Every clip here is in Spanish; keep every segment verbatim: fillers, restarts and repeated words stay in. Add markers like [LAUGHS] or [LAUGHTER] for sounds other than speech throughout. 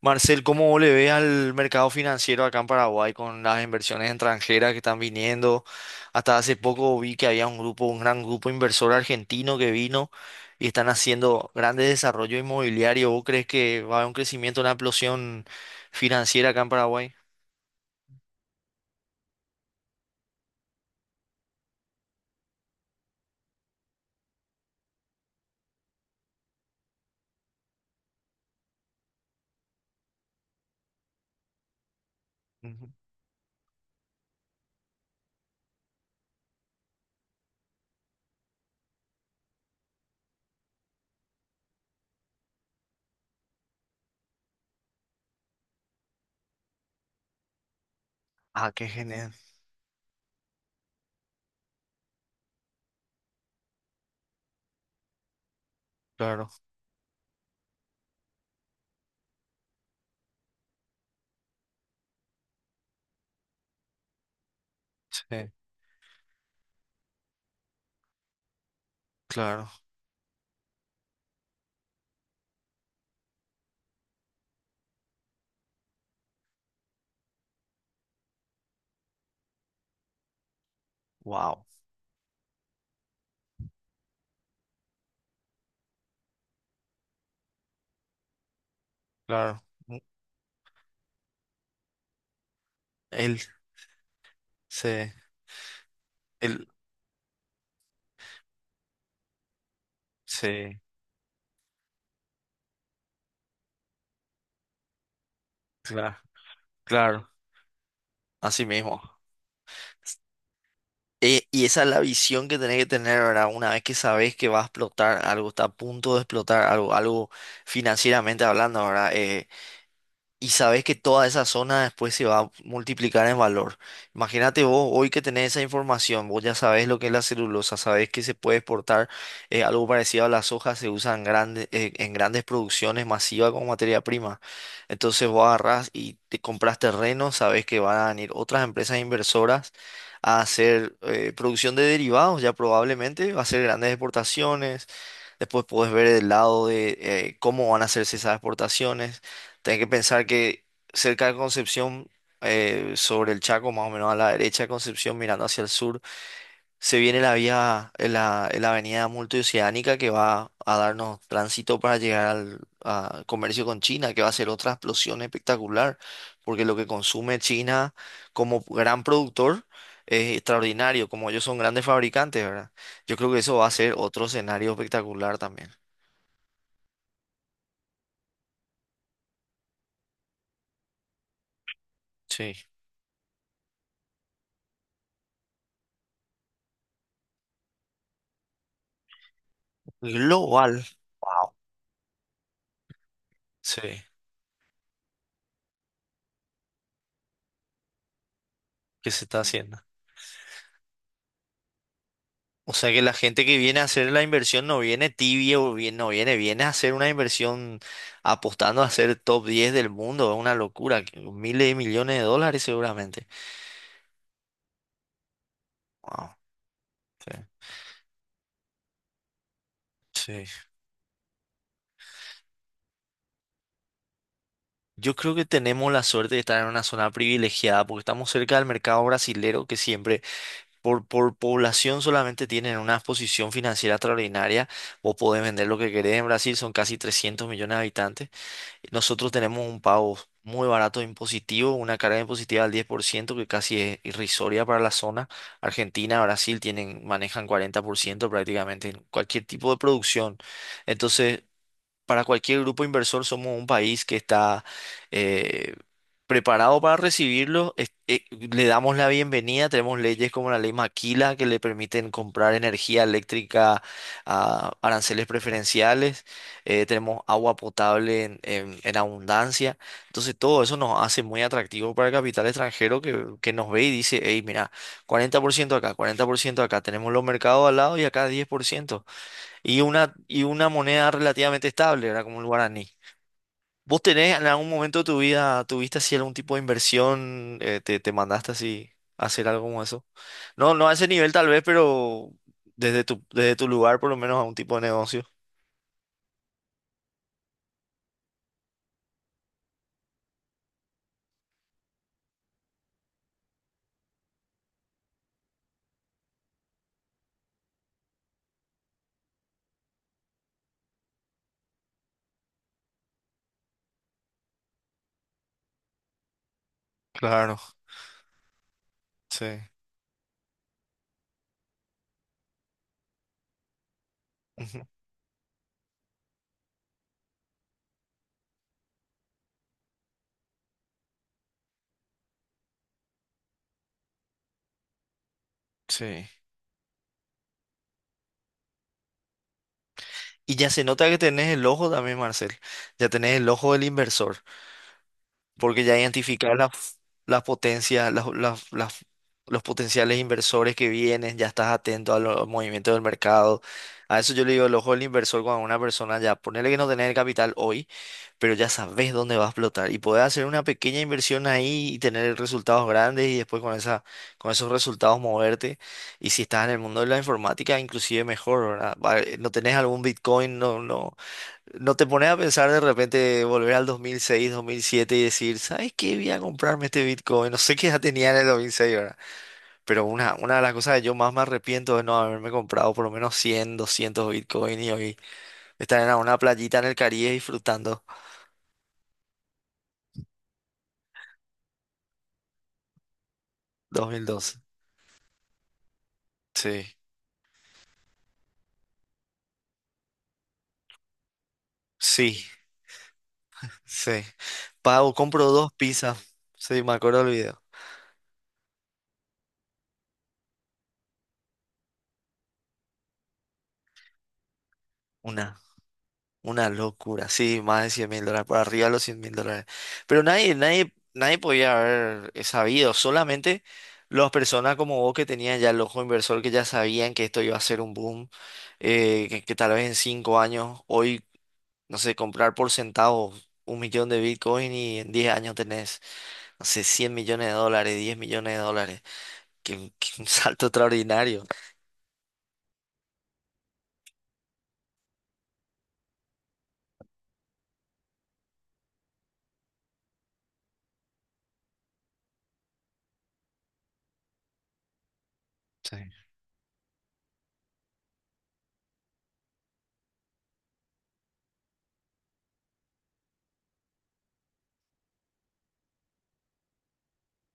Marcel, ¿cómo le ve al mercado financiero acá en Paraguay con las inversiones extranjeras que están viniendo? Hasta hace poco vi que había un grupo, un gran grupo inversor argentino que vino y están haciendo grandes desarrollos inmobiliarios. ¿Vos crees que va a haber un crecimiento, una explosión financiera acá en Paraguay? Ujú. Ah, qué genial. Claro, sí, claro. Wow, claro. Mm. Él, sí, él, sí, claro, claro. Así mismo. Eh, y esa es la visión que tenés que tener, ¿verdad? Una vez que sabes que va a explotar algo, está a punto de explotar algo, algo financieramente hablando, ¿verdad? Eh, y sabes que toda esa zona después se va a multiplicar en valor. Imagínate vos hoy que tenés esa información, vos ya sabés lo que es la celulosa, sabés que se puede exportar eh, algo parecido a la soja, se usa en grandes, en grandes producciones masivas como materia prima. Entonces vos agarrás y te compras terreno, sabés que van a venir otras empresas inversoras a hacer eh, producción de derivados, ya probablemente, va a hacer grandes exportaciones. Después puedes ver el lado de eh, cómo van a hacerse esas exportaciones. Tenés que pensar que cerca de Concepción, eh, sobre el Chaco, más o menos a la derecha de Concepción, mirando hacia el sur, se viene la vía, eh, la, eh, la avenida multioceánica que va a darnos tránsito para llegar al a comercio con China, que va a ser otra explosión espectacular, porque lo que consume China como gran productor es extraordinario, como ellos son grandes fabricantes, ¿verdad? Yo creo que eso va a ser otro escenario espectacular también. Sí. Global. Wow. Sí. ¿Qué se está haciendo? O sea que la gente que viene a hacer la inversión no viene tibia o bien, no viene, viene a hacer una inversión apostando a ser top diez del mundo. Es una locura, que miles de millones de dólares seguramente. Wow, sí, sí. Yo creo que tenemos la suerte de estar en una zona privilegiada porque estamos cerca del mercado brasilero que siempre por, por población solamente tienen una posición financiera extraordinaria. Vos podés vender lo que querés en Brasil, son casi trescientos millones de habitantes. Nosotros tenemos un pago muy barato e impositivo, una carga impositiva del diez por ciento, que casi es irrisoria para la zona. Argentina, Brasil tienen, manejan cuarenta por ciento prácticamente en cualquier tipo de producción. Entonces, para cualquier grupo inversor somos un país que está eh, preparado para recibirlo. es- eh, le damos la bienvenida. Tenemos leyes como la ley Maquila que le permiten comprar energía eléctrica a aranceles preferenciales. Eh, tenemos agua potable en, en- en abundancia. Entonces todo eso nos hace muy atractivo para el capital extranjero que, que nos ve y dice, hey, mira, cuarenta por ciento acá, cuarenta por ciento acá. Tenemos los mercados al lado y acá diez por ciento y una, y una moneda relativamente estable, ¿verdad? Como el guaraní. ¿Vos tenés en algún momento de tu vida, tuviste así algún tipo de inversión, eh, te, te mandaste así a hacer algo como eso? No, no a ese nivel tal vez, pero desde tu, desde tu lugar por lo menos a un tipo de negocio. Claro, sí. Ujú. Sí. Y ya se nota que tenés el ojo también, Marcel. Ya tenés el ojo del inversor. Porque ya identificar las, las potencias, las, las- las- los potenciales inversores que vienen, ya estás atento a los movimientos del mercado. A eso yo le digo el ojo del inversor cuando una persona ya, ponele que no tenés el capital hoy, pero ya sabes dónde va a explotar y podés hacer una pequeña inversión ahí y tener resultados grandes y después con esa, con esos resultados moverte. Y si estás en el mundo de la informática, inclusive mejor, ¿verdad? Va- eh, No tenés algún Bitcoin, no, no. ¿No te pones a pensar de repente volver al dos mil seis, dos mil siete y decir, ¿sabes qué? Voy a comprarme este Bitcoin? No sé qué ya tenía en el dos mil seis, ¿verdad? Pero una, una de las cosas que yo más me arrepiento es no haberme comprado por lo menos cien, doscientos Bitcoin y hoy estar en una playita en el Caribe disfrutando. dos mil doce. Sí, sí, sí. Pago, compro dos pizzas. Sí, me acuerdo del video. Una. Una locura, sí, más de cien mil dólares, por arriba de los cien mil dólares. Pero nadie, nadie, nadie podía haber eh, sabido, solamente las personas como vos que tenían ya el ojo inversor, que ya sabían que esto iba a ser un boom, eh, que, que tal vez en cinco años, hoy, no sé, comprar por centavos un millón de Bitcoin y en diez años tenés, no sé, cien millones de dólares, diez millones de dólares, que, que un salto [LAUGHS] extraordinario. Sí,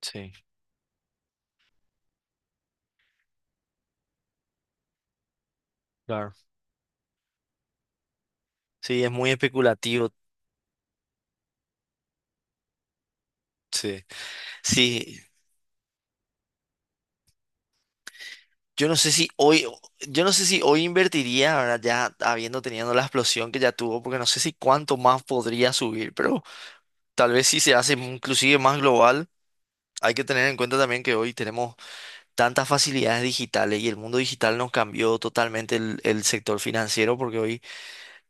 sí, claro. Sí, es muy especulativo, sí. Sí, Yo no sé si hoy, yo no sé si hoy invertiría, ahora ya habiendo tenido la explosión que ya tuvo, porque no sé si cuánto más podría subir, pero tal vez si se hace inclusive más global, hay que tener en cuenta también que hoy tenemos tantas facilidades digitales y el mundo digital nos cambió totalmente el, el sector financiero, porque hoy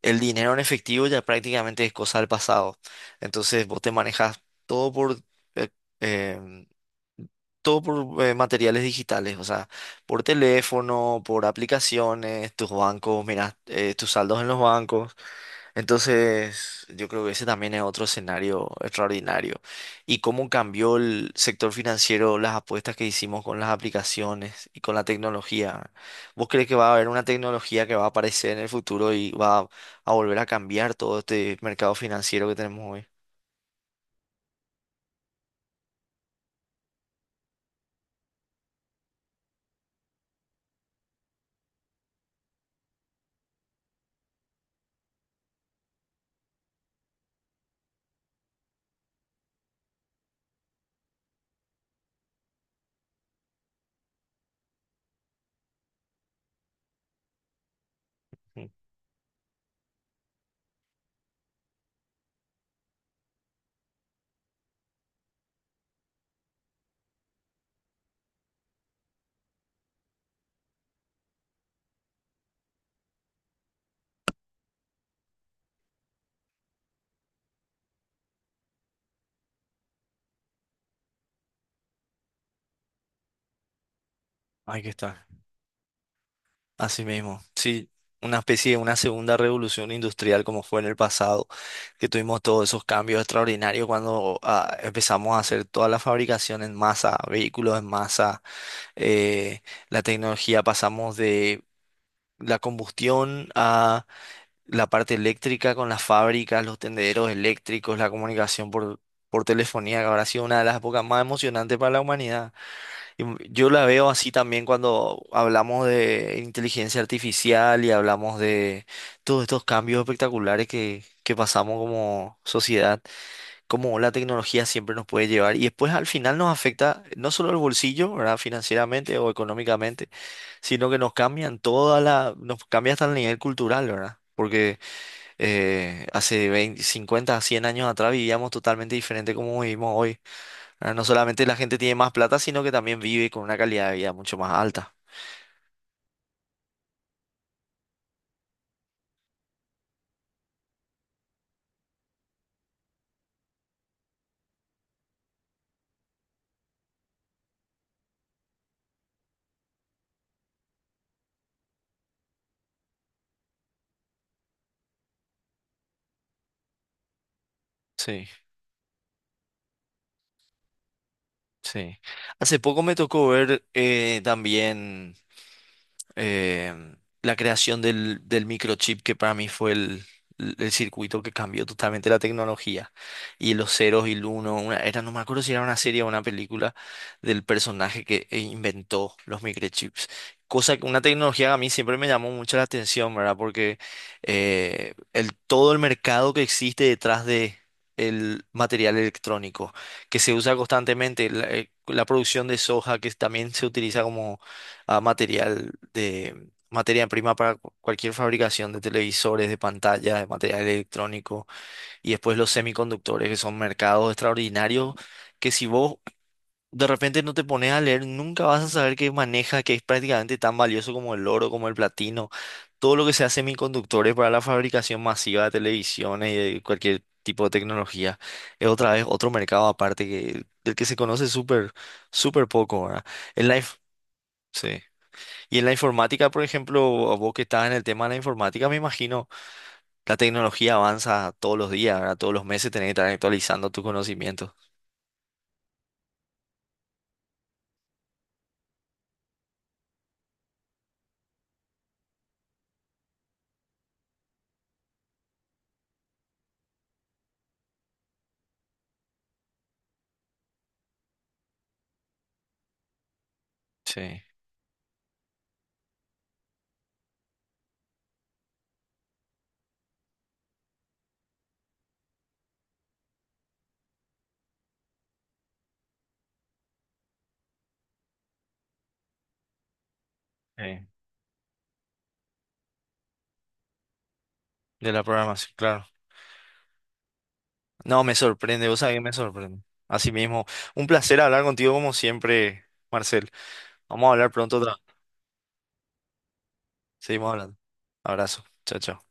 el dinero en efectivo ya prácticamente es cosa del pasado. Entonces vos te manejas todo por... eh, eh, todo por eh, materiales digitales, o sea, por teléfono, por aplicaciones, tus bancos, mira, eh, tus saldos en los bancos. Entonces, yo creo que ese también es otro escenario extraordinario. Y cómo cambió el sector financiero, las apuestas que hicimos con las aplicaciones y con la tecnología. ¿Vos crees que va a haber una tecnología que va a aparecer en el futuro y va a volver a cambiar todo este mercado financiero que tenemos hoy? Mm. Ahí que está. Así mismo, sí, una especie de una segunda revolución industrial como fue en el pasado, que tuvimos todos esos cambios extraordinarios cuando ah, empezamos a hacer toda la fabricación en masa, vehículos en masa, eh, la tecnología pasamos de la combustión a la parte eléctrica con las fábricas, los tendederos eléctricos, la comunicación por, por telefonía, que habrá sido una de las épocas más emocionantes para la humanidad. Y m- Yo la veo así también cuando hablamos de inteligencia artificial y hablamos de todos estos cambios espectaculares que, que pasamos como sociedad, cómo la tecnología siempre nos puede llevar y después al final nos afecta no solo el bolsillo, ¿verdad? Financieramente o económicamente, sino que nos cambian toda la, nos cambia hasta el nivel cultural, ¿verdad? Porque eh, hace veinte, cincuenta, cien años atrás vivíamos totalmente diferente como vivimos hoy. Ah, no solamente la gente tiene más plata, sino que también vive con una calidad de vida mucho más alta. Sí, sí. Hace poco me tocó ver eh, también, eh, la creación del, del microchip que para mí fue el, el circuito que cambió totalmente la tecnología y los ceros y el uno, una- era, no me acuerdo si era una serie o una película del personaje que eh, inventó los microchips. Cosa que una tecnología que a mí siempre me llamó mucho la atención, ¿verdad? Porque eh, el, todo el mercado que existe detrás de el material electrónico que se usa constantemente, la, eh, la producción de soja que también se utiliza como a material de materia prima para cu- cualquier fabricación de televisores, de pantallas, de material electrónico y después los semiconductores, que son mercados extraordinarios que si vos de repente no te pones a leer, nunca vas a saber qué maneja, que es prácticamente tan valioso como el oro, como el platino, todo lo que sea semiconductores para la fabricación masiva de televisiones y de cualquier tipo de tecnología. Es otra vez otro mercado aparte que, del que se conoce súper, súper poco, ¿verdad? El life, sí. Y en la informática, por ejemplo, vos que estás en el tema de la informática, me imagino, la tecnología avanza todos los días, ¿verdad? Todos los meses tenés que estar actualizando tus conocimientos. Sí. Sí. De la programación, claro. No, me sorprende, vos sabés que me sorprende. Así mismo, un placer hablar contigo como siempre, Marcel. Vamos a hablar pronto otra vez. Seguimos hablando. Abrazo. Chao, chao.